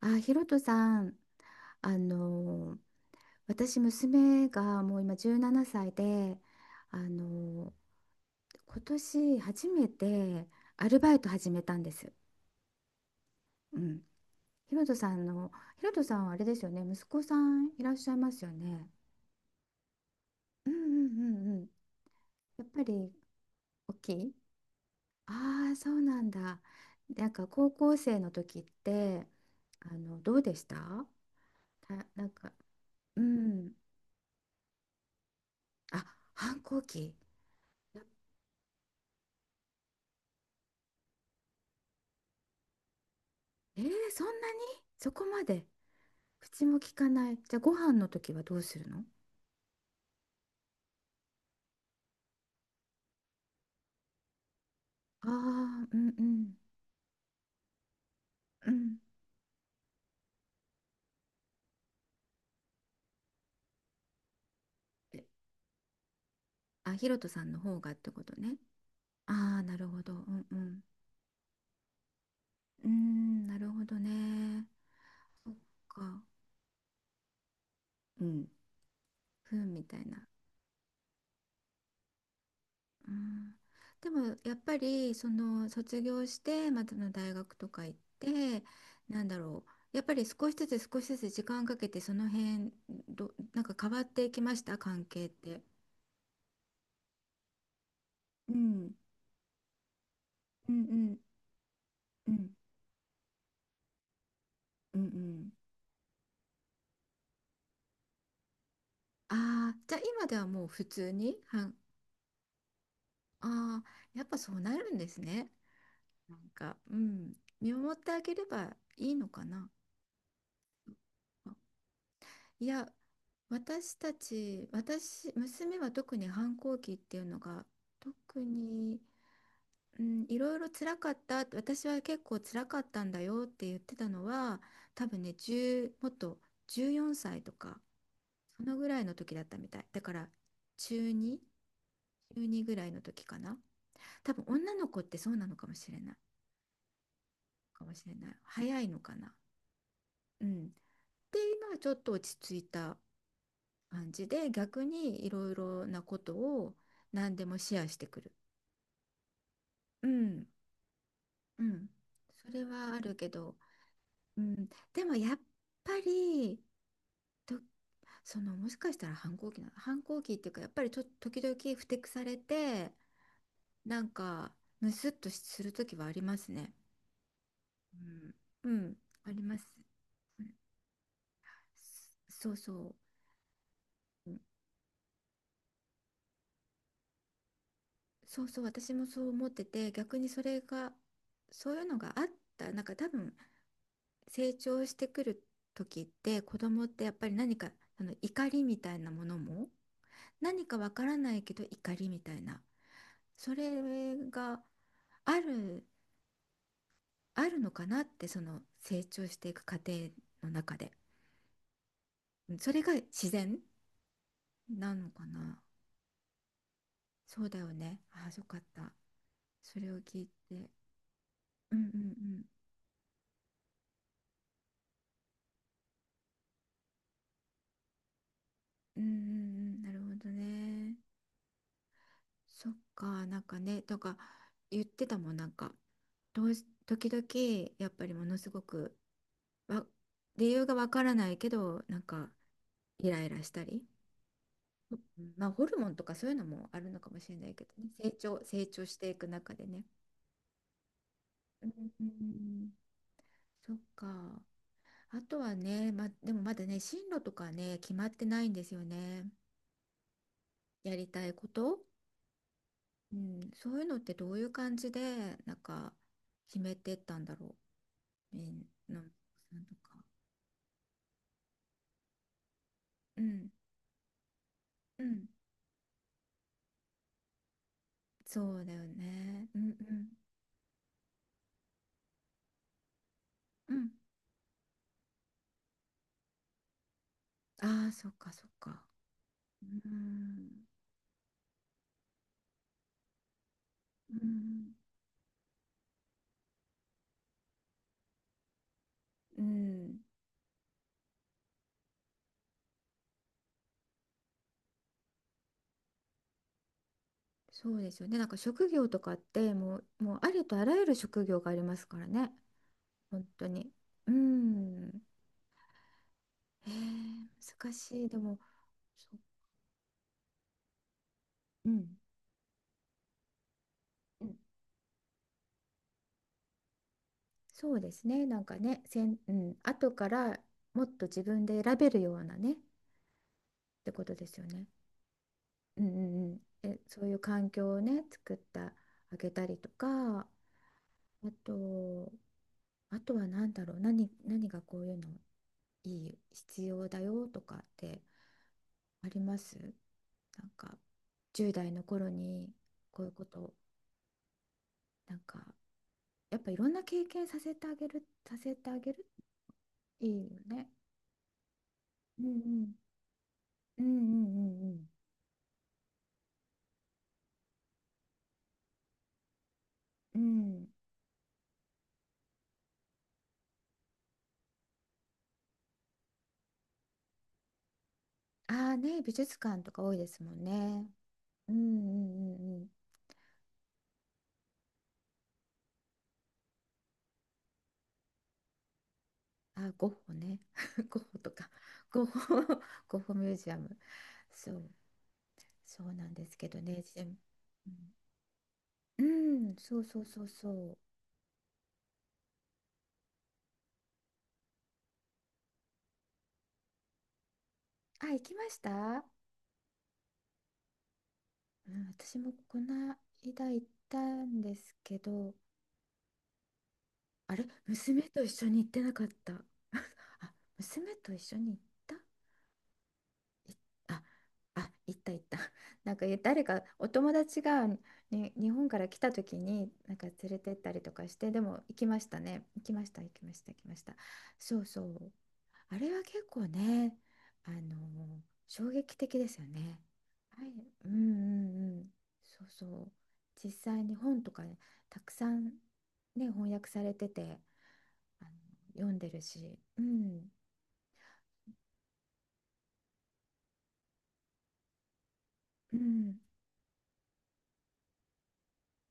あ、ひろとさん、あの私娘がもう今17歳で、あの今年初めてアルバイト始めたんです。うん。ひろとさんの、ひろとさんはあれですよね、息子さんいらっしゃいますよね。うんうんうんうん。やっぱり大きいああ、そうなんだ。なんか高校生の時って、どうでしたなんか、うん。あ、反抗期。やっえー、そんなに、そこまで口も利かない。じゃあご飯の時はどうするの？ああー、うんうんうん。えあ、ひろとさんの方がってことね。ああ、なるほど。うんうん。うーん、なるほどね。そっか。うん。ふんみたいな。うん。でもやっぱりその卒業して、またの大学とか行って、なんだろう、やっぱり少しずつ少しずつ時間かけて、その辺なんか変わっていきました、関係って。うん、うんうんうんうんうん。ああー、じゃあ今ではもう普通にああー、やっぱそうなるんですね。なんか、見守ってあげればいいのかな。いや、私たち私娘は特に反抗期っていうのが特に、うん、いろいろ辛かった、私は結構辛かったんだよって言ってたのは、多分ね、1、もっと14歳とか、そのぐらいの時だったみたい。だから中2、中2ぐらいの時かな。多分女の子ってそうなのかもしれない。かもしれない。早いのかな。うん。で、今はちょっと落ち着いた感じで、逆にいろいろなことを何でもシェアしてくる。うん。うん。それはあるけど、うん。でもやっぱり、ともしかしたら反抗期っていうか、やっぱり時々ふてくされて、なんかムスッとする時はありますね。うん、うん、あります。うん、そうそう、うん、そうそう、私もそう思ってて、逆にそれが、そういうのがあった、なんか多分成長してくる時って、子供ってやっぱり何か、怒りみたいなものも、何かわからないけど怒りみたいな、それがある、あるのかなって、その成長していく過程の中で、うんそれが自然なのかな。そうだよね。ああ、よかった。それを聞いて。うんうんうん。うんうんうん。なるほどね。そっか、なんかね、とか言ってたもん、なんか、どうし、時々、やっぱりものすごく、わ、理由がわからないけど、なんか、イライラしたり。うんまあ、ホルモンとかそういうのもあるのかもしれないけどね。成長していく中でね。うんうんうんうん。そっか。あとはね、ま、でもまだね、進路とかね、決まってないんですよね。やりたいこと。うん、そういうのってどういう感じで、なんか、決めてったんだろう、みんな、なんとか。うん、うん。そうだよね。うん、うん、うん。ああ、そっか、そっか。うん、うん、うん。そうですよね。なんか職業とかって、もうありとあらゆる職業がありますからね。本当に。うん。えー、難しい。でも、そうん、うんそうですね。なんかね、後からもっと自分で選べるようなね、ってことですよね。うんうんうん。え、そういう環境をね、作ってあげたりとか、あと、あとは何だろう、何がこういうのいい、必要だよとかってあります、なんか、10代の頃にこういうこと、なんか、やっぱいろんな経験させてあげるいいよね。うんうんうんうんうんうんうん。ああー、ね、美術館とか多いですもんね。うんうんうんうん。あ、ゴッホね。ゴッホとか、ゴッホ ゴッホミュージアム。そう、そうなんですけどね。でも、うん、うん、そうそうそうそう。あ、行きました。うん、私もこの間行ったんですけど、あれ、娘と一緒に行ってなかった。あ、娘と一緒に行った。いあ、あ、行った行った。なんか誰かお友達が、ね、日本から来た時になんか連れてったりとかして、でも行きましたね。行きました、行きました、行きました。そうそう。あれは結構ね、あの、衝撃的ですよね。はい、うんうんうん。そうそう。実際に本とかね、たくさんね、翻訳されてて、あの、読んでるし、うん、うん、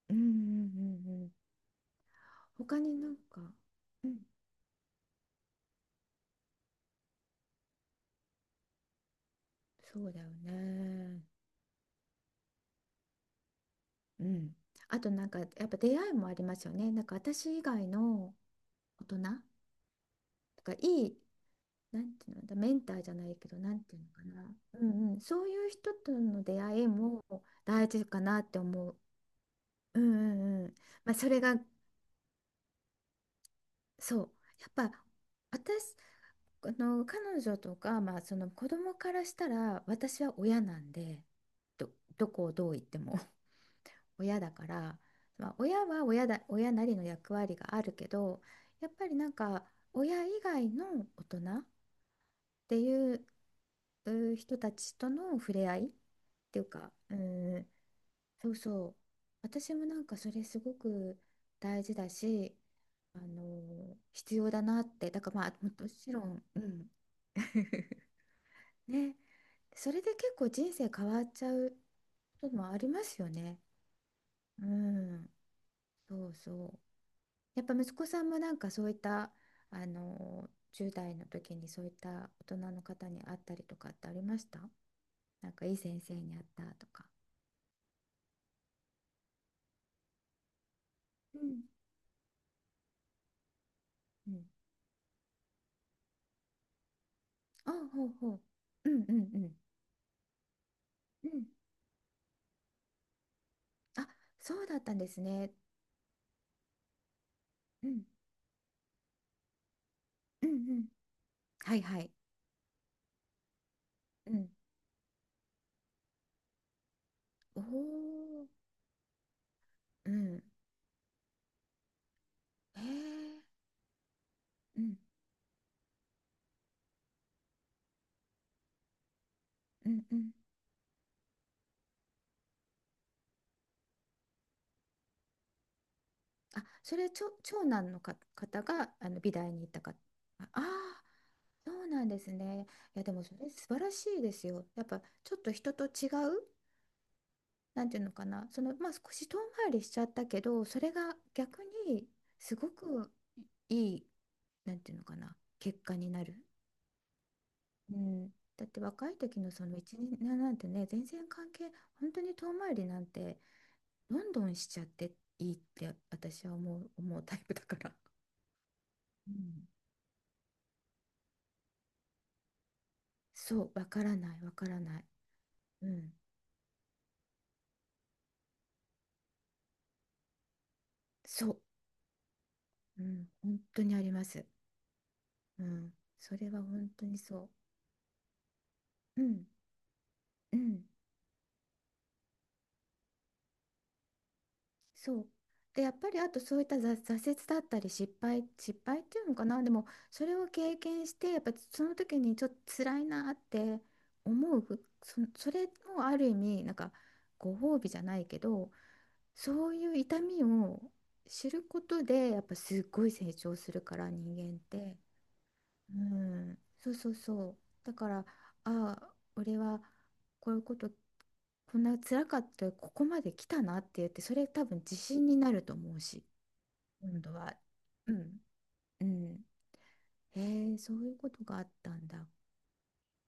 うんうんうんうん。他になんか、うん、そうだよね。うん。あとなんかやっぱ出会いもありますよね。なんか私以外の大人だか、いい、なんていうのだ、メンターじゃないけど、なんていうのかな。うんうん。そういう人との出会いも大事かなって思う。うんうんうん。まあそれが、そう、やっぱ私、彼女とか、まあ子供からしたら私は親なんで、ど、どこをどう言っても。親だから、まあ、親は親だ、親なりの役割があるけど、やっぱりなんか親以外の大人っていう、人たちとの触れ合いっていうか、うん、そうそう、私もなんかそれすごく大事だし、必要だなって、だからまあもちろん、うん、ね、それで結構人生変わっちゃうこともありますよね。うん、そうそう。やっぱ息子さんもなんかそういった、10代の時にそういった大人の方に会ったりとかってありました、なんかいい先生に会ったとか。うんうん。あ、ほうほう。うんうんうん。うん、あ、そうだったんですね。うんうんうん。はいはい。うん。おお。うん。へえ。うんうんうん。あ、それ、長男の方が美大に行ったか。ああ、そうなんですね。いや、でもそれ素晴らしいですよ。やっぱちょっと人と違う、なんていうのかな、そのまあ少し遠回りしちゃったけど、それが逆にすごくいい、なんていうのかな、結果になる。うん、だって若い時のその一年なんてね、全然関係、本当に遠回りなんてどんどんしちゃっていいって私は思うタイプだから。うん、そう、わからない、わからない。うん、そう、うん、本当にあります。うん、それは本当にそう。うん、うん、そう。で、やっぱりあとそういった挫折だったり失敗っていうのかな、でもそれを経験して、やっぱその時にちょっと辛いなって思う、それもある意味、なんかご褒美じゃないけど、そういう痛みを知ることで、やっぱすっごい成長するから、人間って。うん、そうそうそう。だから、ああ、俺はこういうこと、こんな辛かった、ここまで来たなって言って、それ多分自信になると思うし、今度は。うん、うん。へえ、そういうことがあったんだ。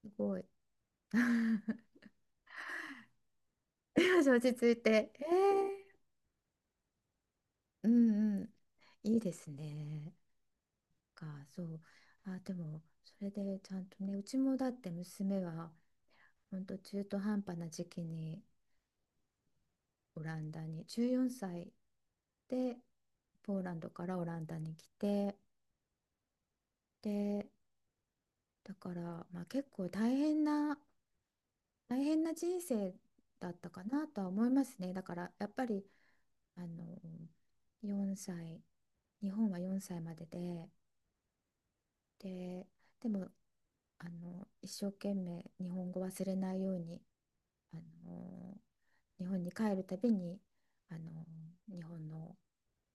すごい。よし、落ち着いて。へえ、うんうん。いいですね。そう。あ、でも、それでちゃんとね、うちもだって娘は、ほんと中途半端な時期にオランダに14歳でポーランドからオランダに来て、で、だからまあ結構大変な、大変な人生だったかなとは思いますね。だからやっぱりあの4歳、日本は4歳までででも一生懸命日本語忘れないように、あの日本に帰るたびに、あの日本の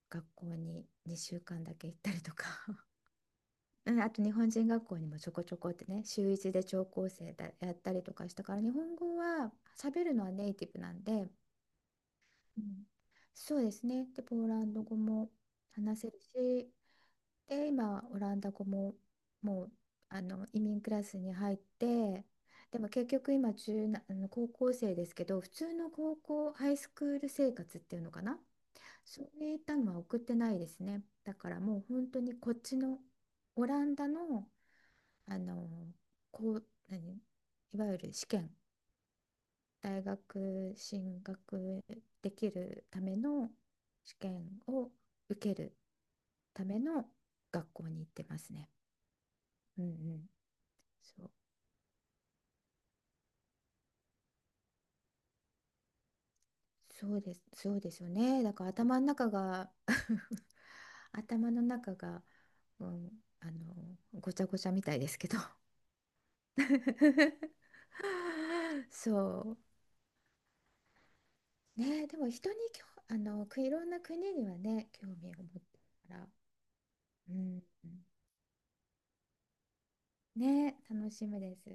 学校に2週間だけ行ったりとか、 うんあと日本人学校にもちょこちょこってね、週一で聴講生だ、やったりとかしたから、日本語は喋るのはネイティブなんで、うん、そうですね。で、ポーランド語も話せるし、で、今オランダ語ももう、移民クラスに入って、でも結局今、高校生ですけど、普通の高校、ハイスクール生活っていうのかな、そういったのは送ってないですね。だからもう本当にこっちのオランダの、あのこう何いわゆる試験、大学進学できるための試験を受けるための学校に行ってますね。うんうん、そうそうです、そうですよね。だから頭の中が 頭の中が、うん、あのごちゃごちゃみたいですけど そう。ね、でも人にいろんな国にはね、興味を持ってるから、うん、ね、楽しみです。